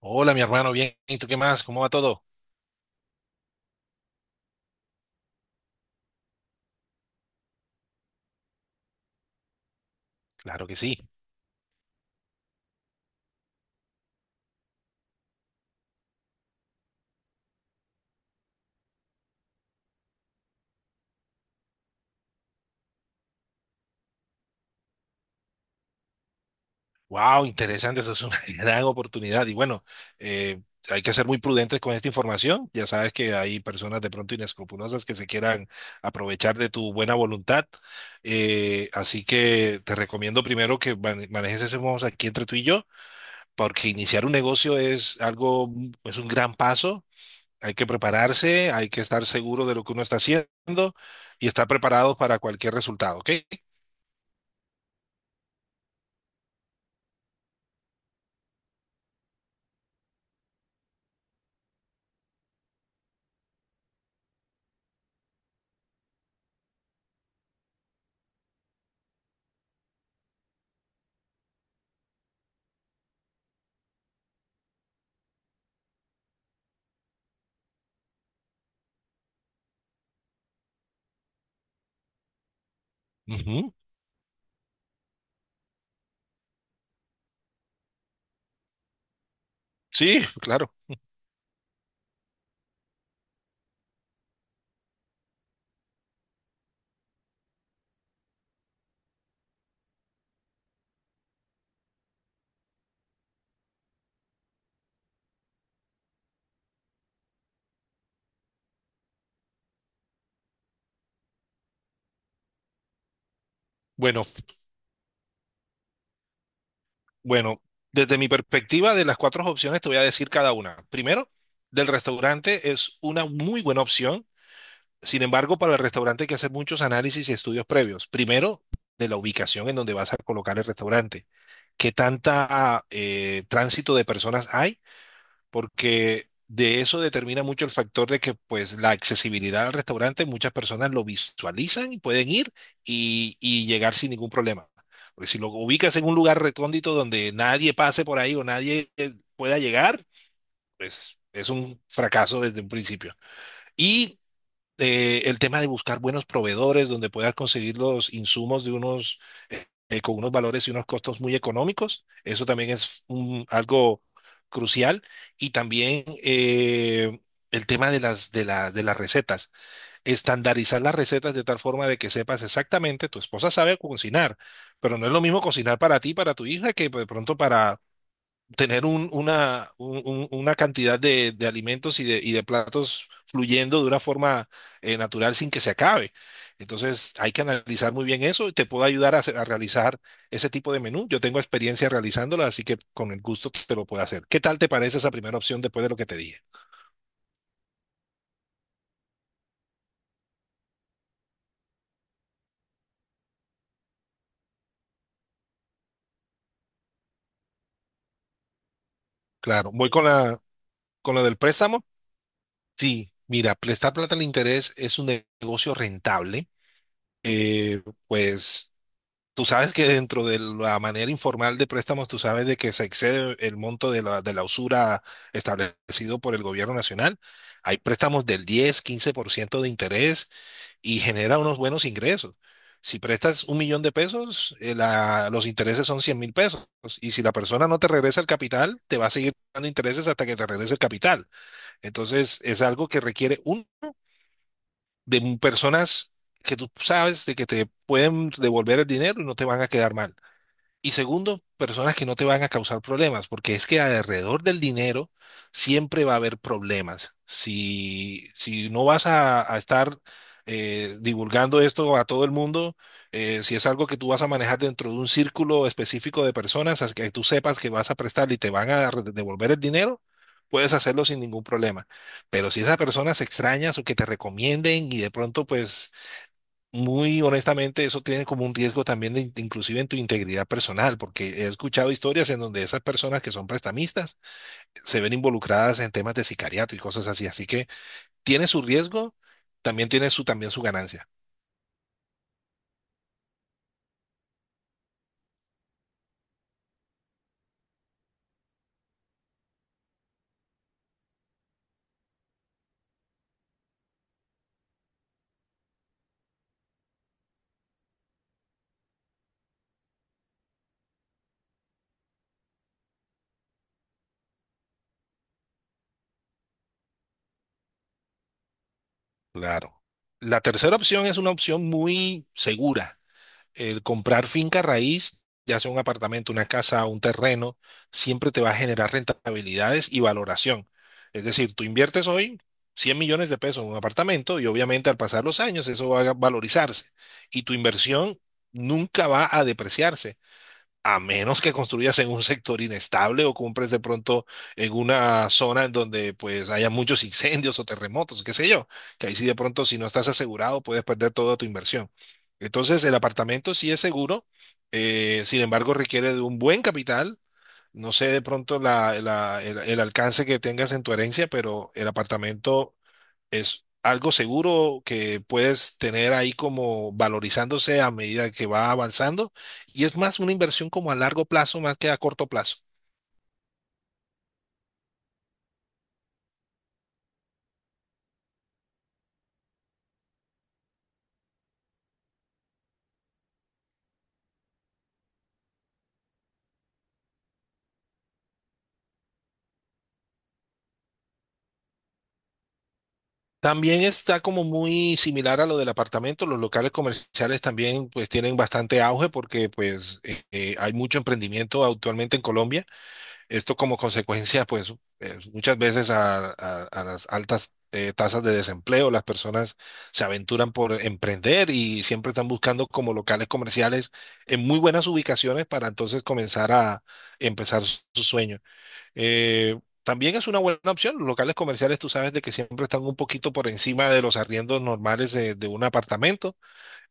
Hola, mi hermano, bien. ¿Y tú qué más? ¿Cómo va todo? Claro que sí. Wow, interesante. Eso es una gran oportunidad. Y bueno, eh, hay que ser muy prudentes con esta información. Ya sabes que hay personas de pronto inescrupulosas que se quieran aprovechar de tu buena voluntad. Así que te recomiendo primero que manejes ese modo aquí entre tú y yo, porque iniciar un negocio es algo, es un gran paso. Hay que prepararse, hay que estar seguro de lo que uno está haciendo y estar preparado para cualquier resultado, ¿ok? Ujú. Sí, claro. Bueno, bueno, desde mi perspectiva de las cuatro opciones te voy a decir cada una. Primero, del restaurante es una muy buena opción. Sin embargo, para el restaurante hay que hacer muchos análisis y estudios previos. Primero, de la ubicación en donde vas a colocar el restaurante. ¿Qué tanta tránsito de personas hay? Porque de eso determina mucho el factor de que pues la accesibilidad al restaurante muchas personas lo visualizan y pueden ir y llegar sin ningún problema. Porque si lo ubicas en un lugar recóndito donde nadie pase por ahí o nadie pueda llegar, pues es un fracaso desde un principio. Y el tema de buscar buenos proveedores donde puedas conseguir los insumos de unos con unos valores y unos costos muy económicos. Eso también es algo crucial. Y también el tema de las, de las recetas. Estandarizar las recetas de tal forma de que sepas exactamente, tu esposa sabe cocinar, pero no es lo mismo cocinar para ti, para tu hija, que pues, de pronto para, tener una cantidad de alimentos y de platos fluyendo de una forma natural sin que se acabe. Entonces hay que analizar muy bien eso. Y te puedo ayudar a realizar ese tipo de menú. Yo tengo experiencia realizándolo, así que con el gusto te lo puedo hacer. ¿Qué tal te parece esa primera opción después de lo que te dije? Claro, voy con la, con lo del préstamo. Sí, mira, prestar plata al interés es un negocio rentable. Eh, pues tú sabes que dentro de la manera informal de préstamos, tú sabes de que se excede el monto de la usura establecido por el gobierno nacional. Hay préstamos del 10, 15% de interés y genera unos buenos ingresos. Si prestas 1 millón de pesos, los intereses son 100,000 pesos. Y si la persona no te regresa el capital, te va a seguir dando intereses hasta que te regrese el capital. Entonces, es algo que requiere un de personas que tú sabes de que te pueden devolver el dinero y no te van a quedar mal. Y segundo, personas que no te van a causar problemas, porque es que alrededor del dinero siempre va a haber problemas. Si no vas a estar divulgando esto a todo el mundo, si es algo que tú vas a manejar dentro de un círculo específico de personas, que tú sepas que vas a prestar y te van a devolver el dinero, puedes hacerlo sin ningún problema. Pero si esas personas extrañas o que te recomienden y de pronto pues muy honestamente, eso tiene como un riesgo también de, inclusive en tu integridad personal, porque he escuchado historias en donde esas personas que son prestamistas se ven involucradas en temas de sicariato y cosas así. Así que tiene su riesgo, también tiene su, también su ganancia. Claro. La tercera opción es una opción muy segura. El comprar finca raíz, ya sea un apartamento, una casa, un terreno, siempre te va a generar rentabilidades y valoración. Es decir, tú inviertes hoy 100 millones de pesos en un apartamento y obviamente al pasar los años eso va a valorizarse y tu inversión nunca va a depreciarse a menos que construyas en un sector inestable o compres de pronto en una zona en donde pues haya muchos incendios o terremotos, qué sé yo, que ahí sí de pronto si no estás asegurado puedes perder toda tu inversión. Entonces el apartamento sí es seguro, sin embargo requiere de un buen capital. No sé de pronto el alcance que tengas en tu herencia, pero el apartamento es algo seguro que puedes tener ahí como valorizándose a medida que va avanzando y es más una inversión como a largo plazo más que a corto plazo. También está como muy similar a lo del apartamento, los locales comerciales también pues tienen bastante auge porque pues hay mucho emprendimiento actualmente en Colombia. Esto como consecuencia, pues muchas veces a, a las altas tasas de desempleo, las personas se aventuran por emprender y siempre están buscando como locales comerciales en muy buenas ubicaciones para entonces comenzar a empezar su, su sueño. También es una buena opción. Los locales comerciales, tú sabes de que siempre están un poquito por encima de los arriendos normales de un apartamento.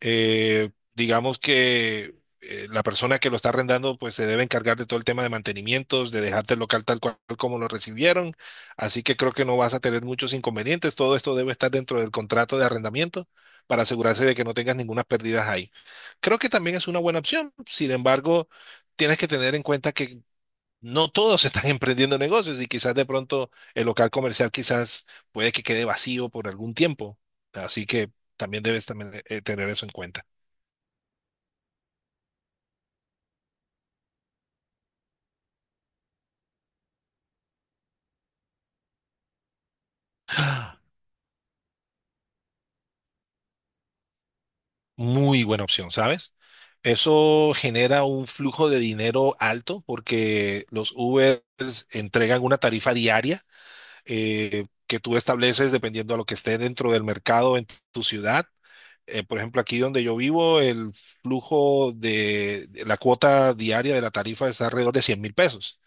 Digamos que la persona que lo está arrendando pues se debe encargar de todo el tema de mantenimientos, de dejarte el local tal cual como lo recibieron. Así que creo que no vas a tener muchos inconvenientes. Todo esto debe estar dentro del contrato de arrendamiento para asegurarse de que no tengas ninguna pérdida ahí. Creo que también es una buena opción. Sin embargo, tienes que tener en cuenta que no todos están emprendiendo negocios y quizás de pronto el local comercial quizás puede que quede vacío por algún tiempo. Así que también debes también, tener eso en cuenta. Muy buena opción, ¿sabes? Eso genera un flujo de dinero alto porque los Ubers entregan una tarifa diaria que tú estableces dependiendo a lo que esté dentro del mercado en tu ciudad. Por ejemplo, aquí donde yo vivo, el flujo de la cuota diaria de la tarifa está alrededor de 100,000 pesos.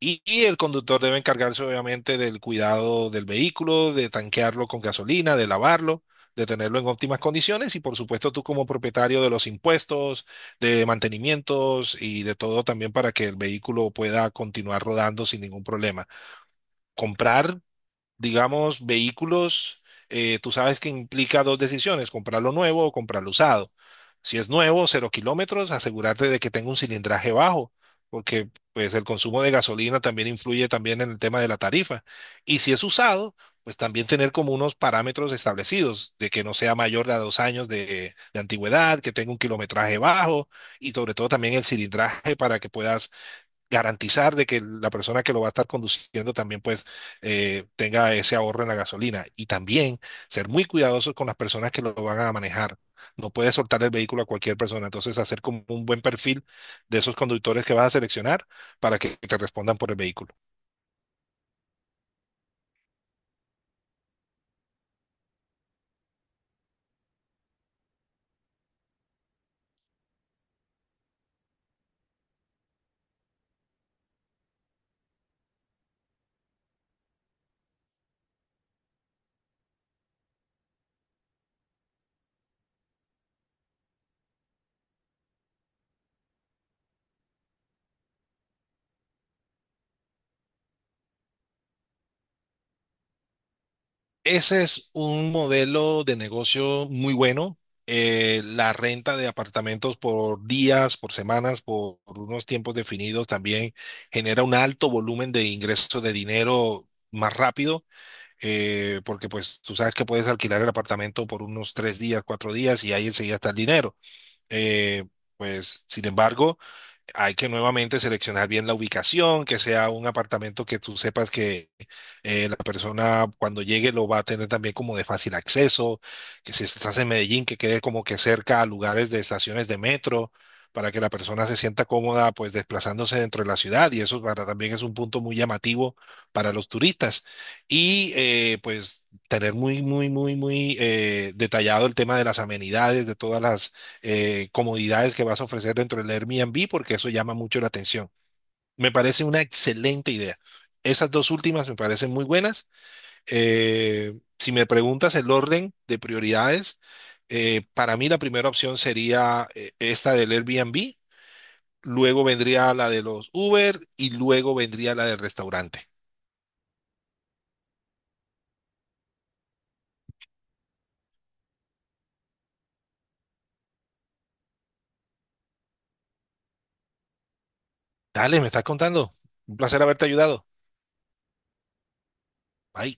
Y el conductor debe encargarse obviamente del cuidado del vehículo, de tanquearlo con gasolina, de lavarlo, de tenerlo en óptimas condiciones y por supuesto tú como propietario de los impuestos, de mantenimientos y de todo también para que el vehículo pueda continuar rodando sin ningún problema. Comprar digamos, vehículos, tú sabes que implica dos decisiones, comprarlo nuevo o comprarlo usado. Si es nuevo, cero kilómetros, asegurarte de que tenga un cilindraje bajo, porque pues el consumo de gasolina también influye también en el tema de la tarifa. Y si es usado, pues también tener como unos parámetros establecidos, de que no sea mayor de a 2 años de antigüedad, que tenga un kilometraje bajo y sobre todo también el cilindraje para que puedas garantizar de que la persona que lo va a estar conduciendo también pues tenga ese ahorro en la gasolina y también ser muy cuidadosos con las personas que lo van a manejar. No puedes soltar el vehículo a cualquier persona, entonces hacer como un buen perfil de esos conductores que vas a seleccionar para que te respondan por el vehículo. Ese es un modelo de negocio muy bueno. La renta de apartamentos por días, por semanas, por unos tiempos definidos también genera un alto volumen de ingresos de dinero más rápido, porque pues tú sabes que puedes alquilar el apartamento por unos 3 días, 4 días y ahí enseguida está el dinero. Eh, pues sin embargo, hay que nuevamente seleccionar bien la ubicación, que sea un apartamento que tú sepas que la persona cuando llegue lo va a tener también como de fácil acceso, que si estás en Medellín, que quede como que cerca a lugares de estaciones de metro, para que la persona se sienta cómoda pues desplazándose dentro de la ciudad y eso para, también es un punto muy llamativo para los turistas. Y pues tener muy, muy, muy, muy detallado el tema de las amenidades, de todas las comodidades que vas a ofrecer dentro del Airbnb, porque eso llama mucho la atención. Me parece una excelente idea. Esas dos últimas me parecen muy buenas. Si me preguntas el orden de prioridades, para mí la primera opción sería esta del Airbnb, luego vendría la de los Uber y luego vendría la del restaurante. Dale, me estás contando. Un placer haberte ayudado. Bye.